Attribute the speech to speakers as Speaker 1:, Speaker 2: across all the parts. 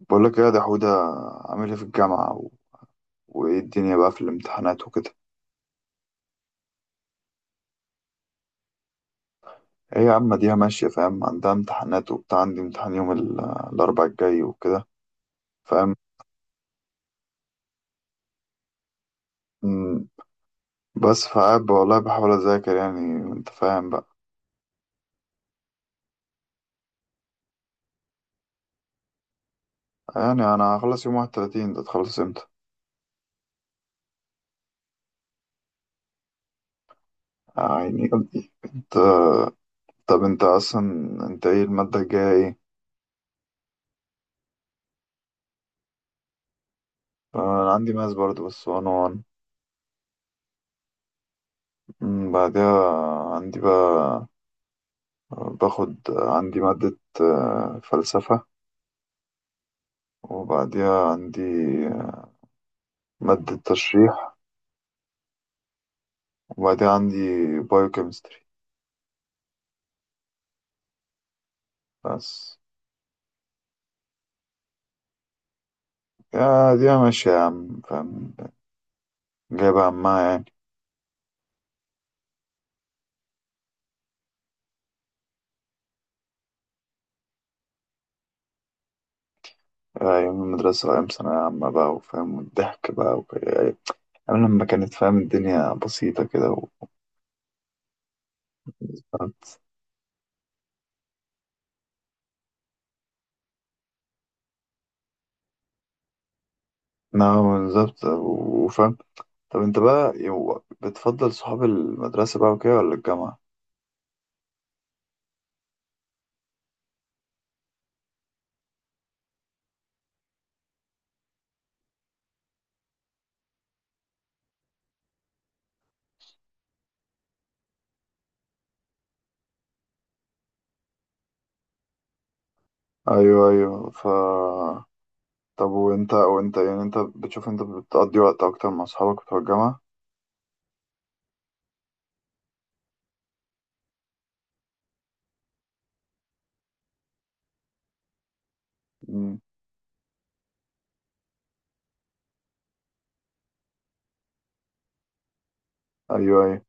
Speaker 1: بقول لك ايه يا دحودة. عامل ايه في الجامعة وايه الدنيا بقى في الامتحانات وكده؟ ايه يا عم، دي ماشية، فاهم، عندها امتحانات وبتاع. عندي امتحان يوم الاربع الجاي وكده، فاهم. مم، بس فقاعد بقى والله بحاول اذاكر يعني. انت فاهم بقى. يعني انا هخلص يوم 31. ده تخلص امتى؟ يعني قلبي انت. طب انت اصلا، انت ايه المادة الجاية ايه؟ انا عندي ماس برضه بس وان وان. بعدها عندي بقى، باخد عندي مادة فلسفة. وبعديها عندي مادة تشريح. وبعديها عندي بايوكيمستري بس. يا دي ماشية يا عم، فاهم، جايبة عمها يعني. أيام المدرسة وأيام ثانوية عامة بقى، وفاهم، والضحك بقى يعني أيام لما كانت، فاهم، الدنيا بسيطة كده نعم بالظبط، وفاهم. طب أنت بقى بتفضل صحاب المدرسة بقى وكده ولا الجامعة؟ أيوه أيوه، طب وأنت يعني، أنت بتشوف أنت بتقضي وقت أكتر مع صحابك بتوع الجامعة؟ ايوه ايوه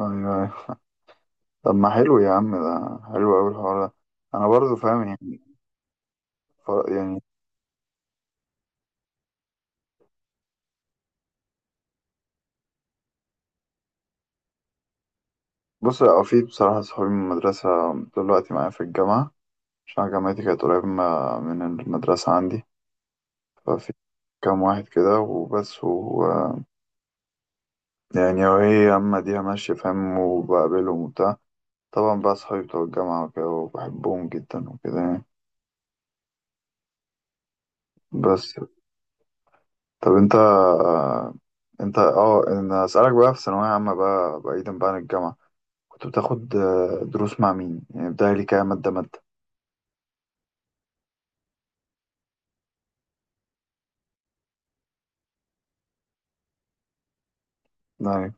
Speaker 1: ايوه ايوه. طب ما حلو يا عم، ده حلو اوي الحوار ده. انا برضه فاهم يعني. يعني بص، هو في بصراحه صحابي من المدرسه دلوقتي معايا في الجامعه، عشان جامعتي كانت قريبه من المدرسه عندي. ففي كام واحد كده وبس، و يعني، وهي اما ديها ماشيه، فاهم، وبقابلهم وبتاع. طبعا بقى صحابي بتوع الجامعه وكده، وبحبهم جدا وكده يعني. بس. طب انت اه ان اسالك بقى، في ثانويه عامه بقى، بعيدا بقى عن الجامعه، كنت بتاخد دروس مع مين يعني؟ بداية لي كام مادة مادة؟ ايوه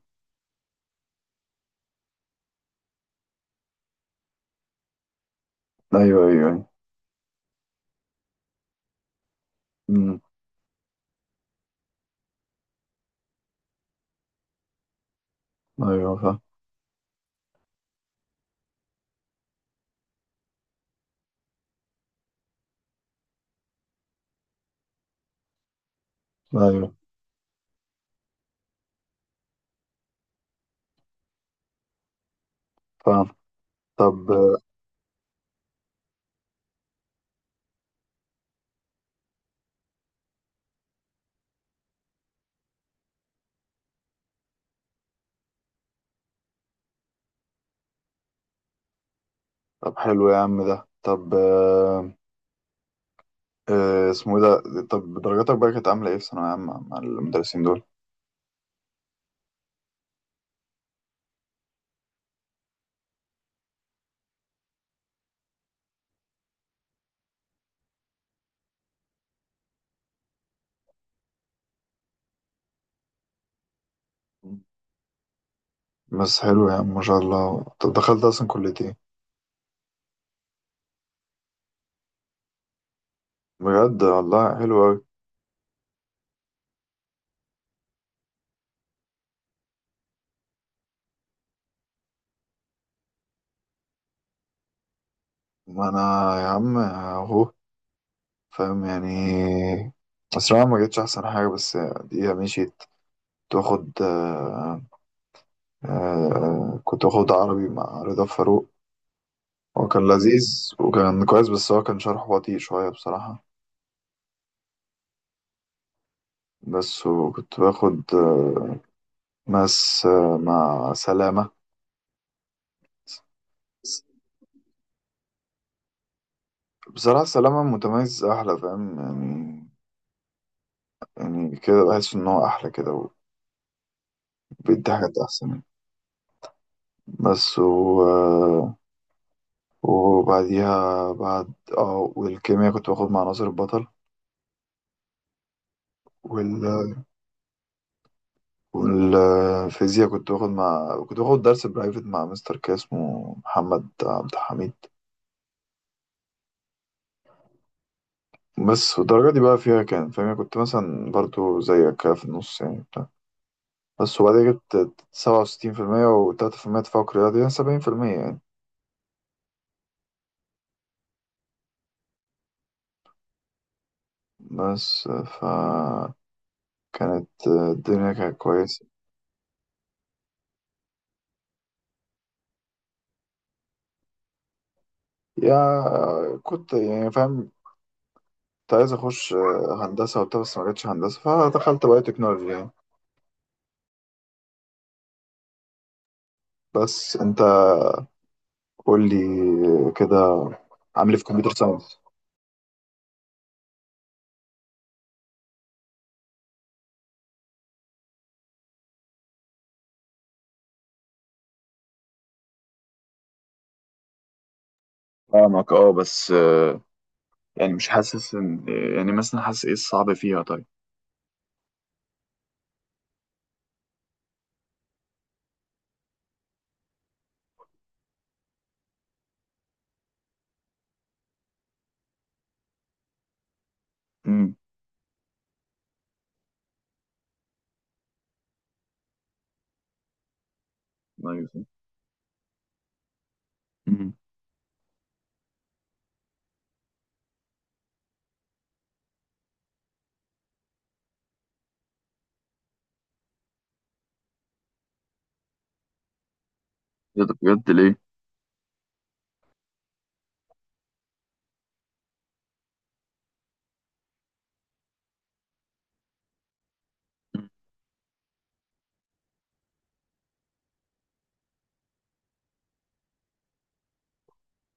Speaker 1: ايوه ايوه ايوه. أمم، أيوة، فاهم. ايوه فاهم. طب طب حلو يا عم ده. طب اسمه ايه ده؟ طب درجاتك بقى كانت عاملة ايه في ثانوية عامة مع المدرسين دول؟ بس حلو يا عم، ما شاء الله. طب دخلت اصلا كلية ايه؟ بجد والله حلو أوي. ما أنا، يا عم أهو، فاهم يعني. بس أنا ما جتش أحسن حاجة، بس دي مشيت. كنت باخد كنت واخد عربي مع رضا فاروق. هو كان لذيذ وكان كويس، بس هو كان شرحه بطيء شوية بصراحة. بس وكنت باخد ماس مع سلامة. بصراحة سلامة متميز أحلى، فاهم يعني. يعني كده بحس إن هو أحلى كده، وبيدي حاجات أحسن يعني. بس و... آه، وبعديها بعد اه، والكيمياء كنت باخد مع ناصر البطل وال... والفيزياء كنت باخد درس برايفت مع مستر كده اسمه محمد عبد الحميد. بس. والدرجة دي بقى فيها كان، فاهم يعني، كنت مثلا برضو زيك كده في النص يعني بتاع. بس وبعدين جبت 67%، وتلاتة في المية تفوق رياضي، يعني 70% يعني. بس كانت الدنيا كانت كويسة. يا كنت يعني فاهم، كنت عايز أخش هندسة وبتاع، بس ما جاتش هندسة فدخلت بقى تكنولوجي يعني. بس أنت قول لي كده، عامل ايه في كمبيوتر ساينس؟ فاهمك اه. بس يعني مش حاسس ان، يعني مثلا حاسس ايه الصعب فيها طيب؟ امم. ايوه. امم. إيه ده؟ بجد؟ ليه؟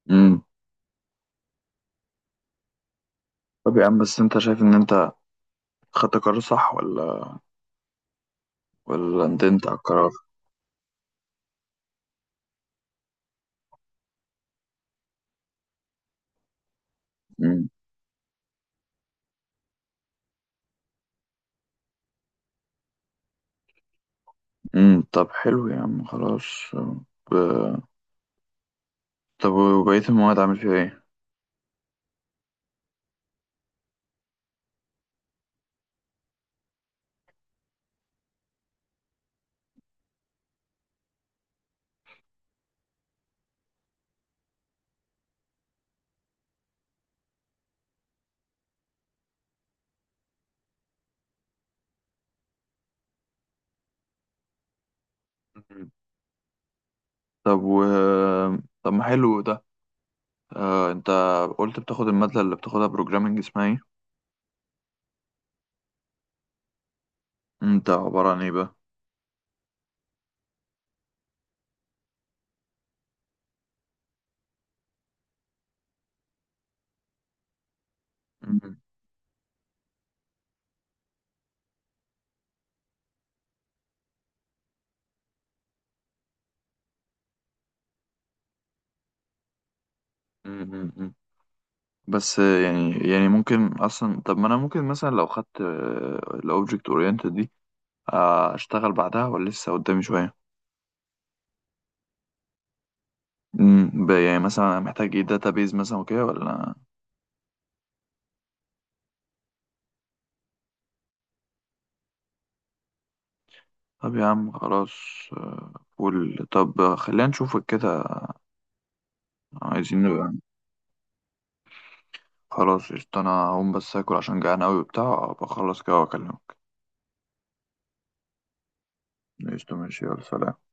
Speaker 1: امم. طب يا عم، بس انت شايف ان انت خدت قرار صح، ولا ندمت على القرار؟ امم. امم. طب حلو يا عم، خلاص. ب- طب وبقية المواد عامل فيها ايه؟ مم. طب طب ما حلو ده. آه، انت قلت بتاخد المادة اللي بتاخدها بروجرامنج، اسمها ايه؟ انت عبارة عن ايه بقى؟ مم. مم. مم. مم. بس يعني ممكن اصلا، طب ما انا ممكن مثلا لو خدت الاوبجكت اورينتد دي اشتغل بعدها، ولا لسه قدامي شوية؟ مم. يعني مثلا أنا محتاج ايه؟ داتابيز مثلا وكده ولا؟ طب يا عم، خلاص قول. طب خلينا نشوفك كده. عايزين نبقى. خلاص قشطة، انا هقوم بس اكل عشان جعان اوي وبتاع، بخلص كده واكلمك. قشطة، ماشي، يلا سلام.